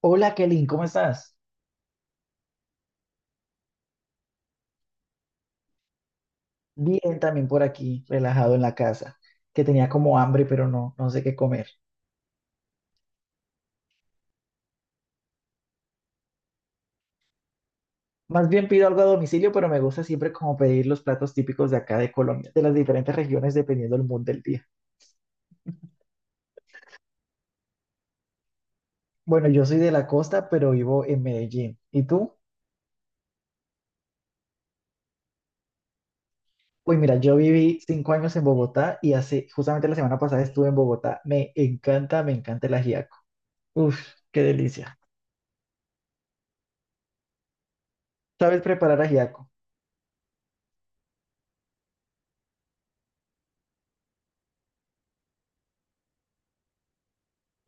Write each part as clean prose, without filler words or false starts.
Hola Kelly, ¿cómo estás? Bien, también por aquí, relajado en la casa, que tenía como hambre, pero no sé qué comer. Más bien pido algo a domicilio, pero me gusta siempre como pedir los platos típicos de acá de Colombia, de las diferentes regiones dependiendo del mood del día. Bueno, yo soy de la costa, pero vivo en Medellín. ¿Y tú? Uy, mira, yo viví 5 años en Bogotá y hace, justamente la semana pasada estuve en Bogotá. Me encanta el ajiaco. Uf, qué delicia. ¿Sabes preparar ajiaco?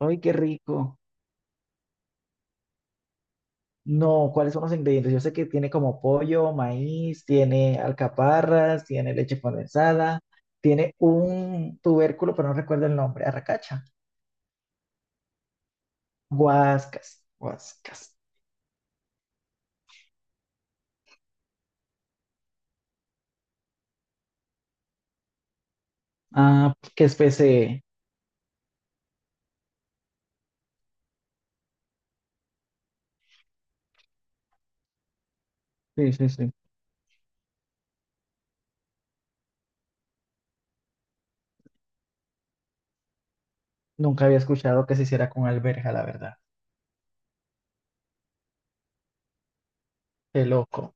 Ay, qué rico. No, ¿cuáles son los ingredientes? Yo sé que tiene como pollo, maíz, tiene alcaparras, tiene leche condensada, tiene un tubérculo, pero no recuerdo el nombre, arracacha. Guascas, guascas. Ah, qué especie. Sí, sí, sí. Nunca había escuchado que se hiciera con alberja, la verdad. Qué loco.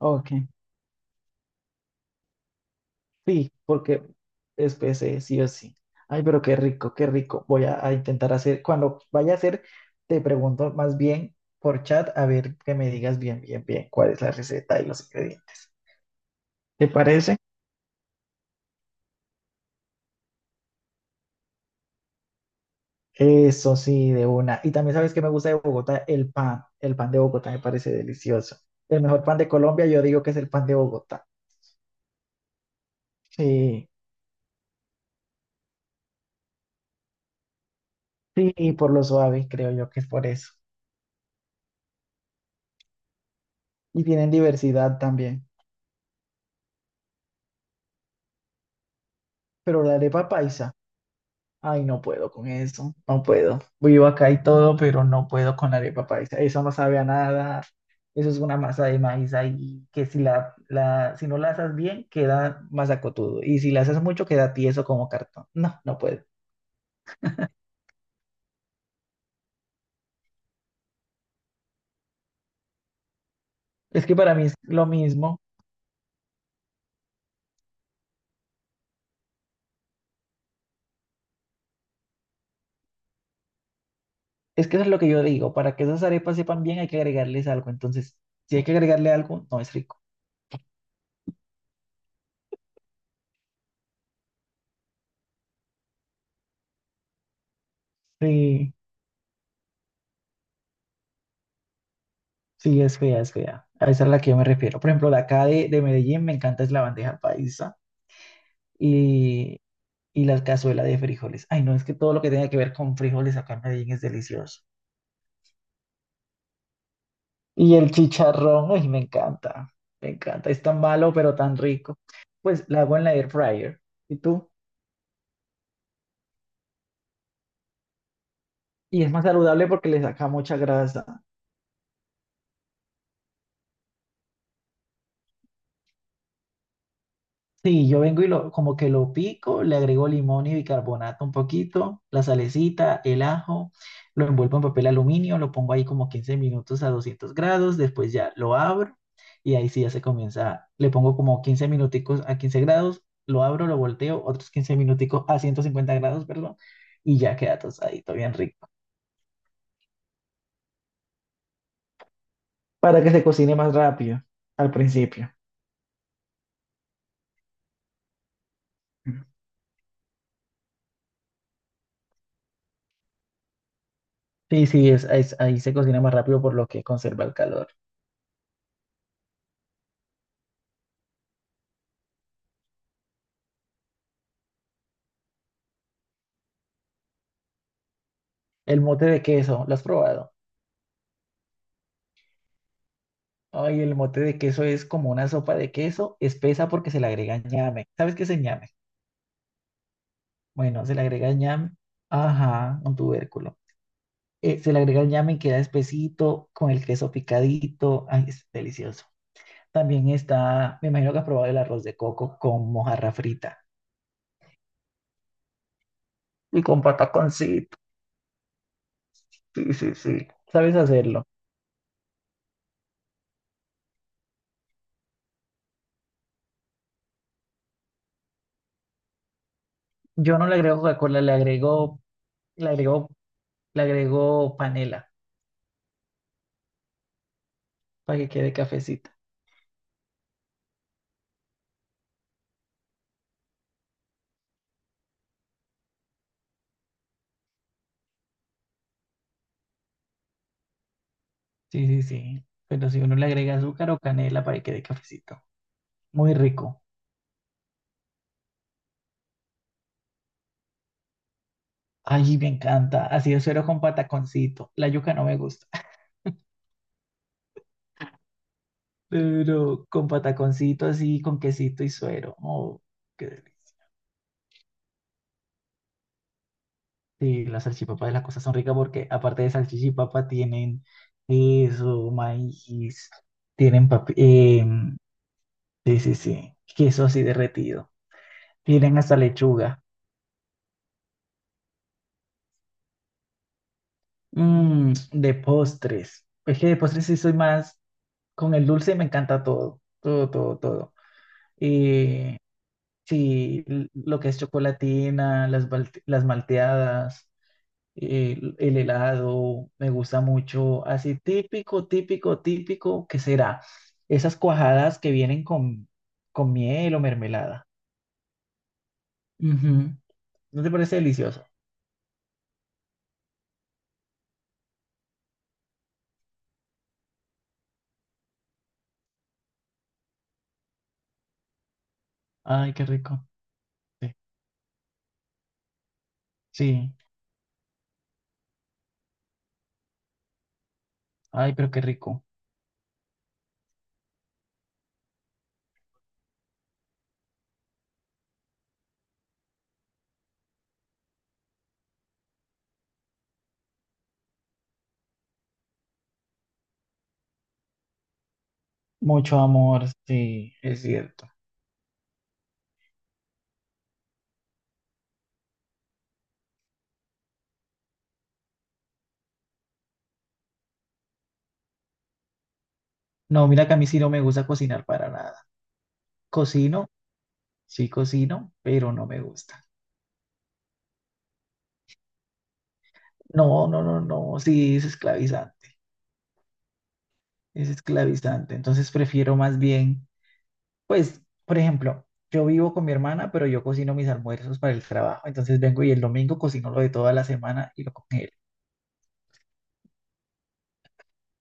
Ok. Sí, porque es PC, sí o sí. Ay, pero qué rico, qué rico. Voy a intentar hacer, cuando vaya a hacer, te pregunto más bien por chat, a ver que me digas bien, bien, bien cuál es la receta y los ingredientes. ¿Te parece? Eso sí, de una. Y también sabes que me gusta de Bogotá el pan. El pan de Bogotá me parece delicioso. El mejor pan de Colombia, yo digo que es el pan de Bogotá. Sí, sí, y por lo suave, creo yo que es por eso. Y tienen diversidad también. Pero la arepa paisa. Ay, no puedo con eso, no puedo. Vivo acá y todo, pero no puedo con la arepa paisa. Eso no sabe a nada. Eso es una masa de maíz ahí que si si no la haces bien, queda masacotudo. Y si la haces mucho, queda tieso como cartón. No, no puedo. Es que para mí es lo mismo. Es que eso es lo que yo digo. Para que esas arepas sepan bien, hay que agregarles algo. Entonces, si hay que agregarle algo, no es rico. Sí, sí, es fea, es fea. A esa es a la que yo me refiero. Por ejemplo, la acá de Medellín me encanta es la bandeja paisa y y la cazuela de frijoles. Ay, no, es que todo lo que tenga que ver con frijoles acá en Medellín es delicioso. Y el chicharrón, ay, me encanta, me encanta. Es tan malo, pero tan rico. Pues la hago en la air fryer. ¿Y tú? Y es más saludable porque le saca mucha grasa. Sí, yo vengo y lo, como que lo pico, le agrego limón y bicarbonato un poquito, la salecita, el ajo, lo envuelvo en papel aluminio, lo pongo ahí como 15 minutos a 200 grados, después ya lo abro y ahí sí ya se comienza, le pongo como 15 minuticos a 15 grados, lo abro, lo volteo, otros 15 minuticos a 150 grados, perdón, y ya queda tostadito, bien rico. Para que se cocine más rápido al principio. Ujú. Sí, sí, ahí se cocina más rápido por lo que conserva el calor. El mote de queso, ¿lo has probado? Ay, el mote de queso es como una sopa de queso espesa porque se le agrega ñame. ¿Sabes qué es el ñame? Bueno, se le agrega ñame. Ajá, un tubérculo. Se le agrega el ñame y queda espesito con el queso picadito. Ay, es delicioso. También está, me imagino que has probado el arroz de coco con mojarra frita. Y con pataconcito. Sí, sí, sí. ¿Sabes hacerlo? Yo no le agrego Coca-Cola, le agrego, le agrego panela para que quede cafecito. Sí, sí, sí. Pero si uno le agrega azúcar o canela para que quede cafecito. Muy rico. Ay, me encanta. Así de suero con pataconcito. La yuca no me gusta. Pero con pataconcito así, con quesito y suero. Oh, qué delicia. Sí, las salchipapas de las cosas son ricas porque aparte de salchichipapa tienen queso, maíz, tienen papi... em, sí, sí, sí. Queso así derretido. Tienen hasta lechuga. Mm, de postres. Es que de postres sí soy más... Con el dulce me encanta todo, todo, todo, todo. Y sí, lo que es chocolatina, las malteadas, el helado, me gusta mucho. Así típico, típico, típico, ¿qué será? Esas cuajadas que vienen con miel o mermelada. Ujú. ¿No te parece delicioso? Ay, qué rico. Sí, sí. Ay, pero qué rico. Mucho amor, sí, es cierto. No, mira que a mí sí no me gusta cocinar para nada. Cocino Sí cocino, pero no me gusta. No, no, no, no, sí es esclavizante, es esclavizante. Entonces prefiero más bien, pues, por ejemplo, yo vivo con mi hermana, pero yo cocino mis almuerzos para el trabajo. Entonces vengo y el domingo cocino lo de toda la semana y lo congelo.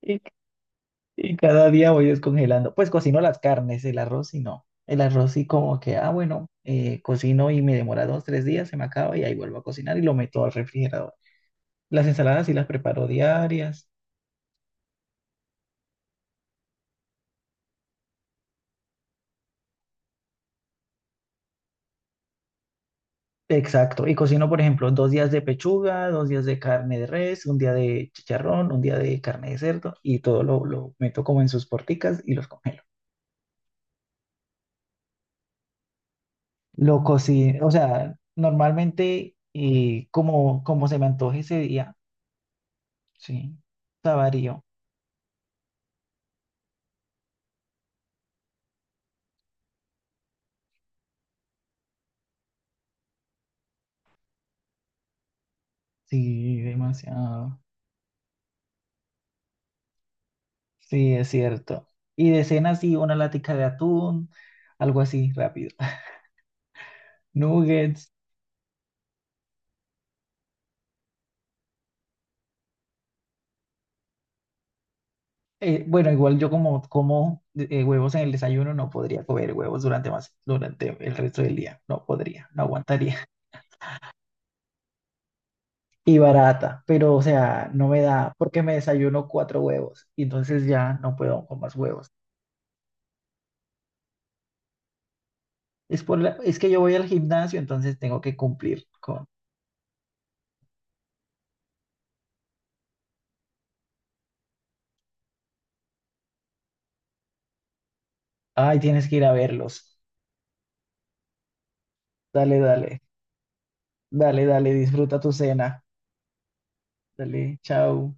Y, y cada día voy descongelando. Pues cocino las carnes, el arroz y no. El arroz sí como que, ah, bueno, cocino y me demora dos, tres días, se me acaba y ahí vuelvo a cocinar y lo meto al refrigerador. Las ensaladas sí las preparo diarias. Exacto, y cocino, por ejemplo, 2 días de pechuga, 2 días de carne de res, un día de chicharrón, un día de carne de cerdo y todo lo meto como en sus porticas y los congelo. Lo cocino, o sea, normalmente como, como se me antoje ese día, sí, o sea, varío, sí, demasiado, sí, es cierto. Y de cena, sí, una latica de atún, algo así, rápido. Nuggets, bueno, igual yo como como huevos en el desayuno, no podría comer huevos durante más, durante el resto del día. No podría, no aguantaría. Y barata, pero o sea, no me da porque me desayuno cuatro huevos y entonces ya no puedo con más huevos. Es por es que yo voy al gimnasio, entonces tengo que cumplir con. Ay, tienes que ir a verlos. Dale, dale, dale, dale, disfruta tu cena. Dale, chao.